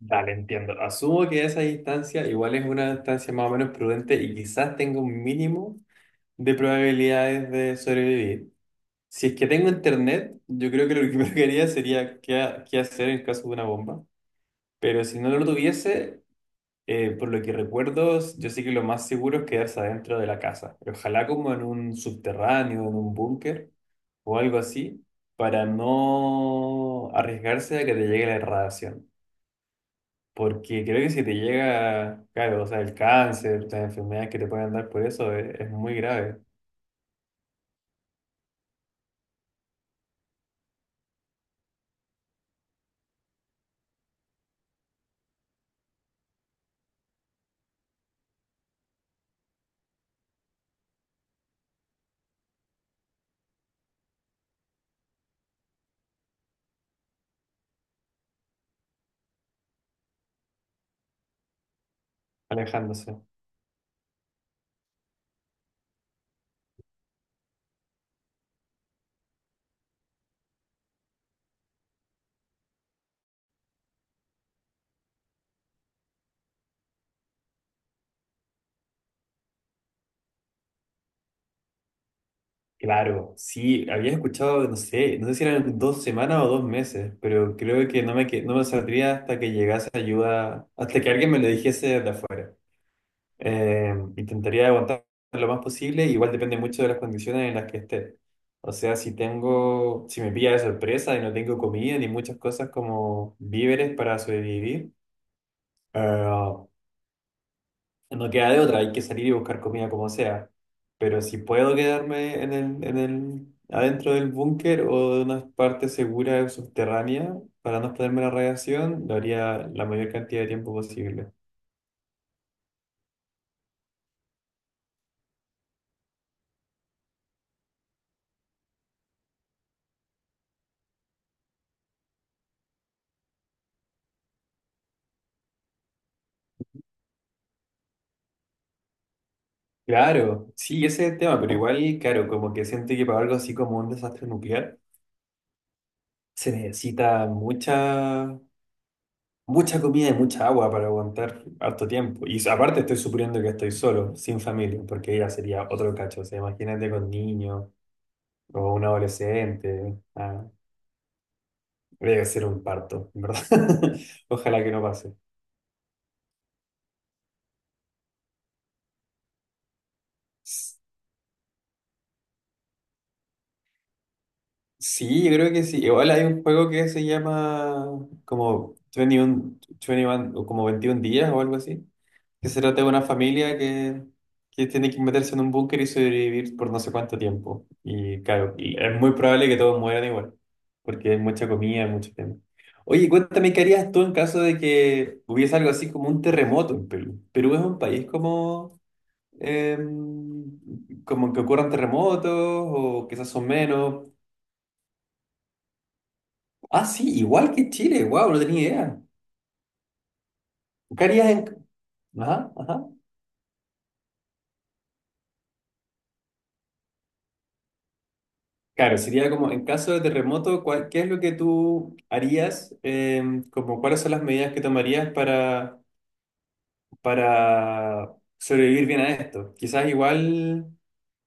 Dale, entiendo. Asumo que esa distancia igual es una distancia más o menos prudente y quizás tenga un mínimo de probabilidades de sobrevivir. Si es que tengo internet, yo creo que lo primero que haría sería qué, qué hacer en caso de una bomba. Pero si no lo tuviese, por lo que recuerdo, yo sé que lo más seguro es quedarse adentro de la casa. Ojalá como en un subterráneo, en un búnker o algo así, para no arriesgarse a que te llegue la radiación. Porque creo que si te llega, claro, o sea, el cáncer, las enfermedades que te pueden dar por eso, es muy grave, alejándose. Claro, sí, había escuchado, no sé, no sé si eran dos semanas o dos meses, pero creo que no me saldría hasta que llegase ayuda, hasta que alguien me lo dijese de afuera. Intentaría aguantar lo más posible, igual depende mucho de las condiciones en las que esté. O sea, si me pilla de sorpresa y no tengo comida ni muchas cosas como víveres para sobrevivir. eh, No queda de otra, hay que salir y buscar comida como sea. Pero si puedo quedarme adentro del búnker o de una parte segura o subterránea para no exponerme a la radiación, lo haría la mayor cantidad de tiempo posible. Claro, sí, ese es el tema, pero igual, claro, como que siento que para algo así como un desastre nuclear se necesita mucha comida y mucha agua para aguantar harto tiempo. Y aparte estoy suponiendo que estoy solo, sin familia, porque ya sería otro cacho, o sea, imagínate con niños. O un adolescente. Debe ser un parto, ¿en verdad? Ojalá que no pase. Sí, yo creo que sí. Igual hay un juego que se llama como 21, 21 o como 21 días o algo así, que se trata de una familia que tiene que meterse en un búnker y sobrevivir por no sé cuánto tiempo. Y claro, y es muy probable que todos mueran igual, porque hay mucha comida, hay mucho tema. Oye, cuéntame, ¿qué harías tú en caso de que hubiese algo así como un terremoto en Perú? Perú es un país como Em, como que ocurran terremotos o quizás son menos. Ah, sí, igual que Chile, wow, no tenía idea. ¿Qué harías en... Ajá, ajá. Claro, sería como en caso de terremoto, ¿qué es lo que tú harías? Em, como, ¿cuáles son las medidas que tomarías para sobrevivir bien a esto? Quizás igual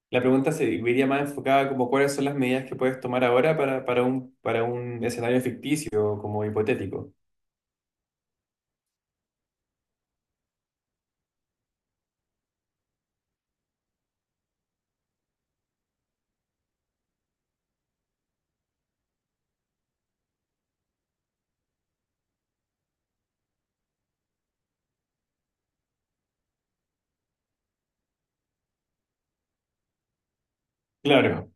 la pregunta se iría más enfocada como cuáles son las medidas que puedes tomar ahora para, para un escenario ficticio, como hipotético. Claro.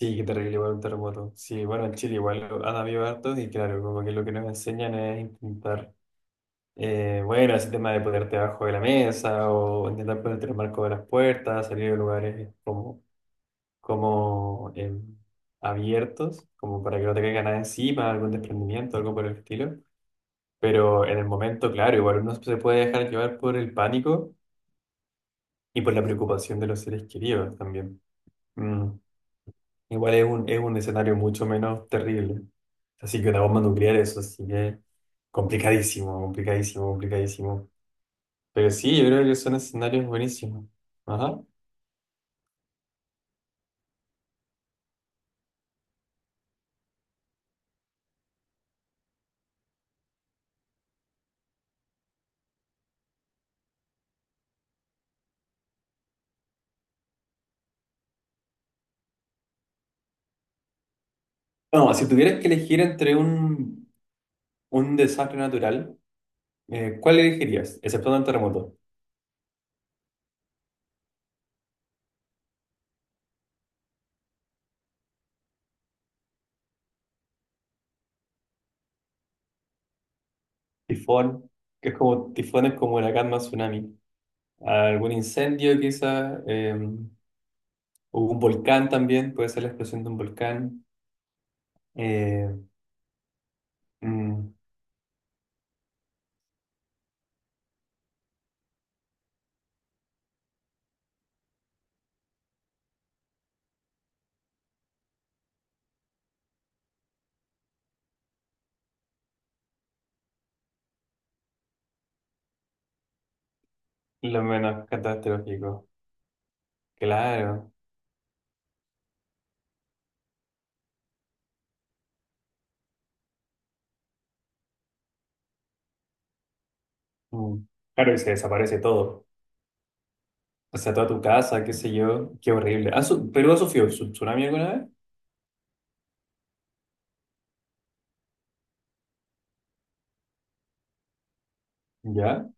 Sí, qué terrible igual un terremoto. Sí, bueno, en Chile igual han habido hartos y claro, como que lo que nos enseñan es intentar, bueno, ese tema de ponerte abajo de la mesa o intentar ponerte en el marco de las puertas, salir de lugares como, como abiertos, como para que no te caiga nada encima, algún desprendimiento, algo por el estilo. Pero en el momento, claro, igual uno se puede dejar llevar por el pánico y por la preocupación de los seres queridos también. Mm. Igual es un escenario mucho menos terrible. Así que una bomba nuclear, eso sí que es complicadísimo, complicadísimo, complicadísimo. Pero sí, yo creo que son escenarios buenísimos. Ajá. No, si tuvieras que elegir entre un desastre natural, ¿cuál elegirías? Excepto un terremoto. Tifón, que es como, tifón es como huracán más tsunami. Algún incendio quizá, o un volcán también, puede ser la explosión de un volcán. Eh, mm, lo menos catastrófico. Claro. Mm. Claro, y se desaparece todo. O sea, toda tu casa, qué sé yo. Qué horrible. ¿Perú ha sufrido tsunami alguna vez? ¿Ya?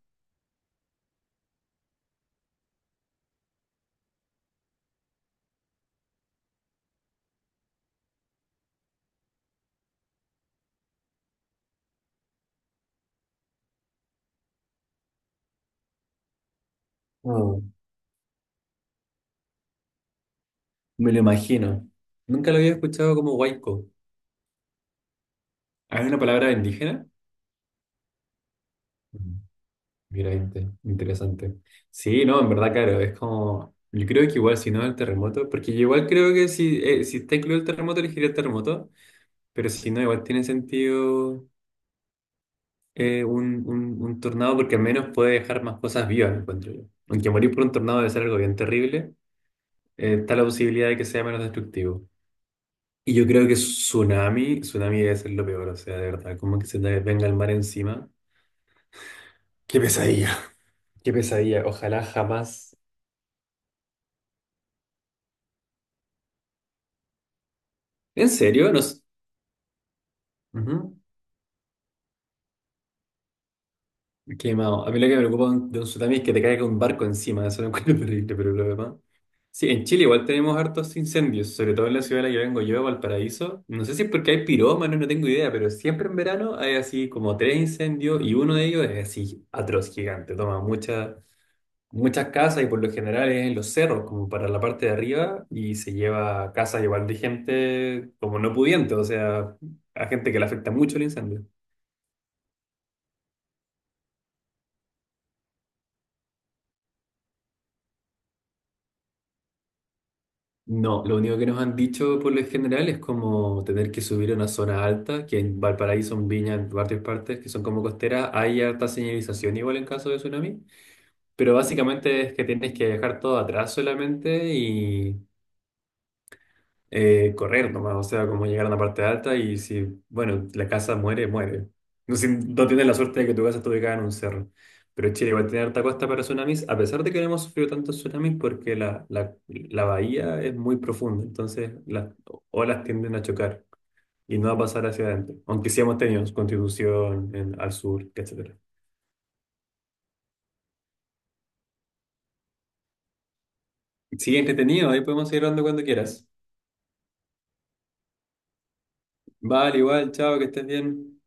Mm. Me lo imagino. Nunca lo había escuchado como huayco. ¿Ah, ¿es una palabra indígena? Mm. Mira, interesante. Sí, no, en verdad, claro, es como... Yo creo que igual, si no, el terremoto, porque yo igual creo que si, si está incluido el terremoto, elegiría el terremoto, pero si no, igual tiene sentido un tornado porque al menos puede dejar más cosas vivas, encuentro yo. Aunque morir por un tornado debe ser algo bien terrible, está la posibilidad de que sea menos destructivo. Y yo creo que tsunami debe ser lo peor, o sea, de verdad, como que se te venga el mar encima. Qué pesadilla. Qué pesadilla, ojalá jamás. ¿En serio? No. Ujú. Quemado. A mí lo que me preocupa de un tsunami es que te caiga un barco encima, eso lo encuentro terrible, pero lo demás. Sí, en Chile igual tenemos hartos incendios, sobre todo en la ciudad de la que vengo yo, Valparaíso. No sé si es porque hay pirómanos, no tengo idea, pero siempre en verano hay así como tres incendios y uno de ellos es así atroz, gigante. Toma muchas casas y por lo general es en los cerros, como para la parte de arriba, y se lleva casas igual de gente como no pudiente, o sea, a gente que le afecta mucho el incendio. No, lo único que nos han dicho por lo general es como tener que subir a una zona alta, que en Valparaíso, en Viña, en varias partes que son como costeras, hay harta señalización igual en caso de tsunami, pero básicamente es que tienes que dejar todo atrás solamente y correr nomás, o sea, como llegar a una parte alta y si, bueno, la casa muere, muere. No, si, no tienes la suerte de que tu casa esté ubicada en un cerro. Pero Chile igual tiene harta costa para tsunamis, a pesar de que no hemos sufrido tantos tsunamis porque la bahía es muy profunda, entonces las olas tienden a chocar y no va a pasar hacia adentro, aunque sí hemos tenido Constitución al sur, etcétera. Sigue entretenido, ahí podemos seguir hablando cuando quieras. Vale, igual, chao, que estés bien.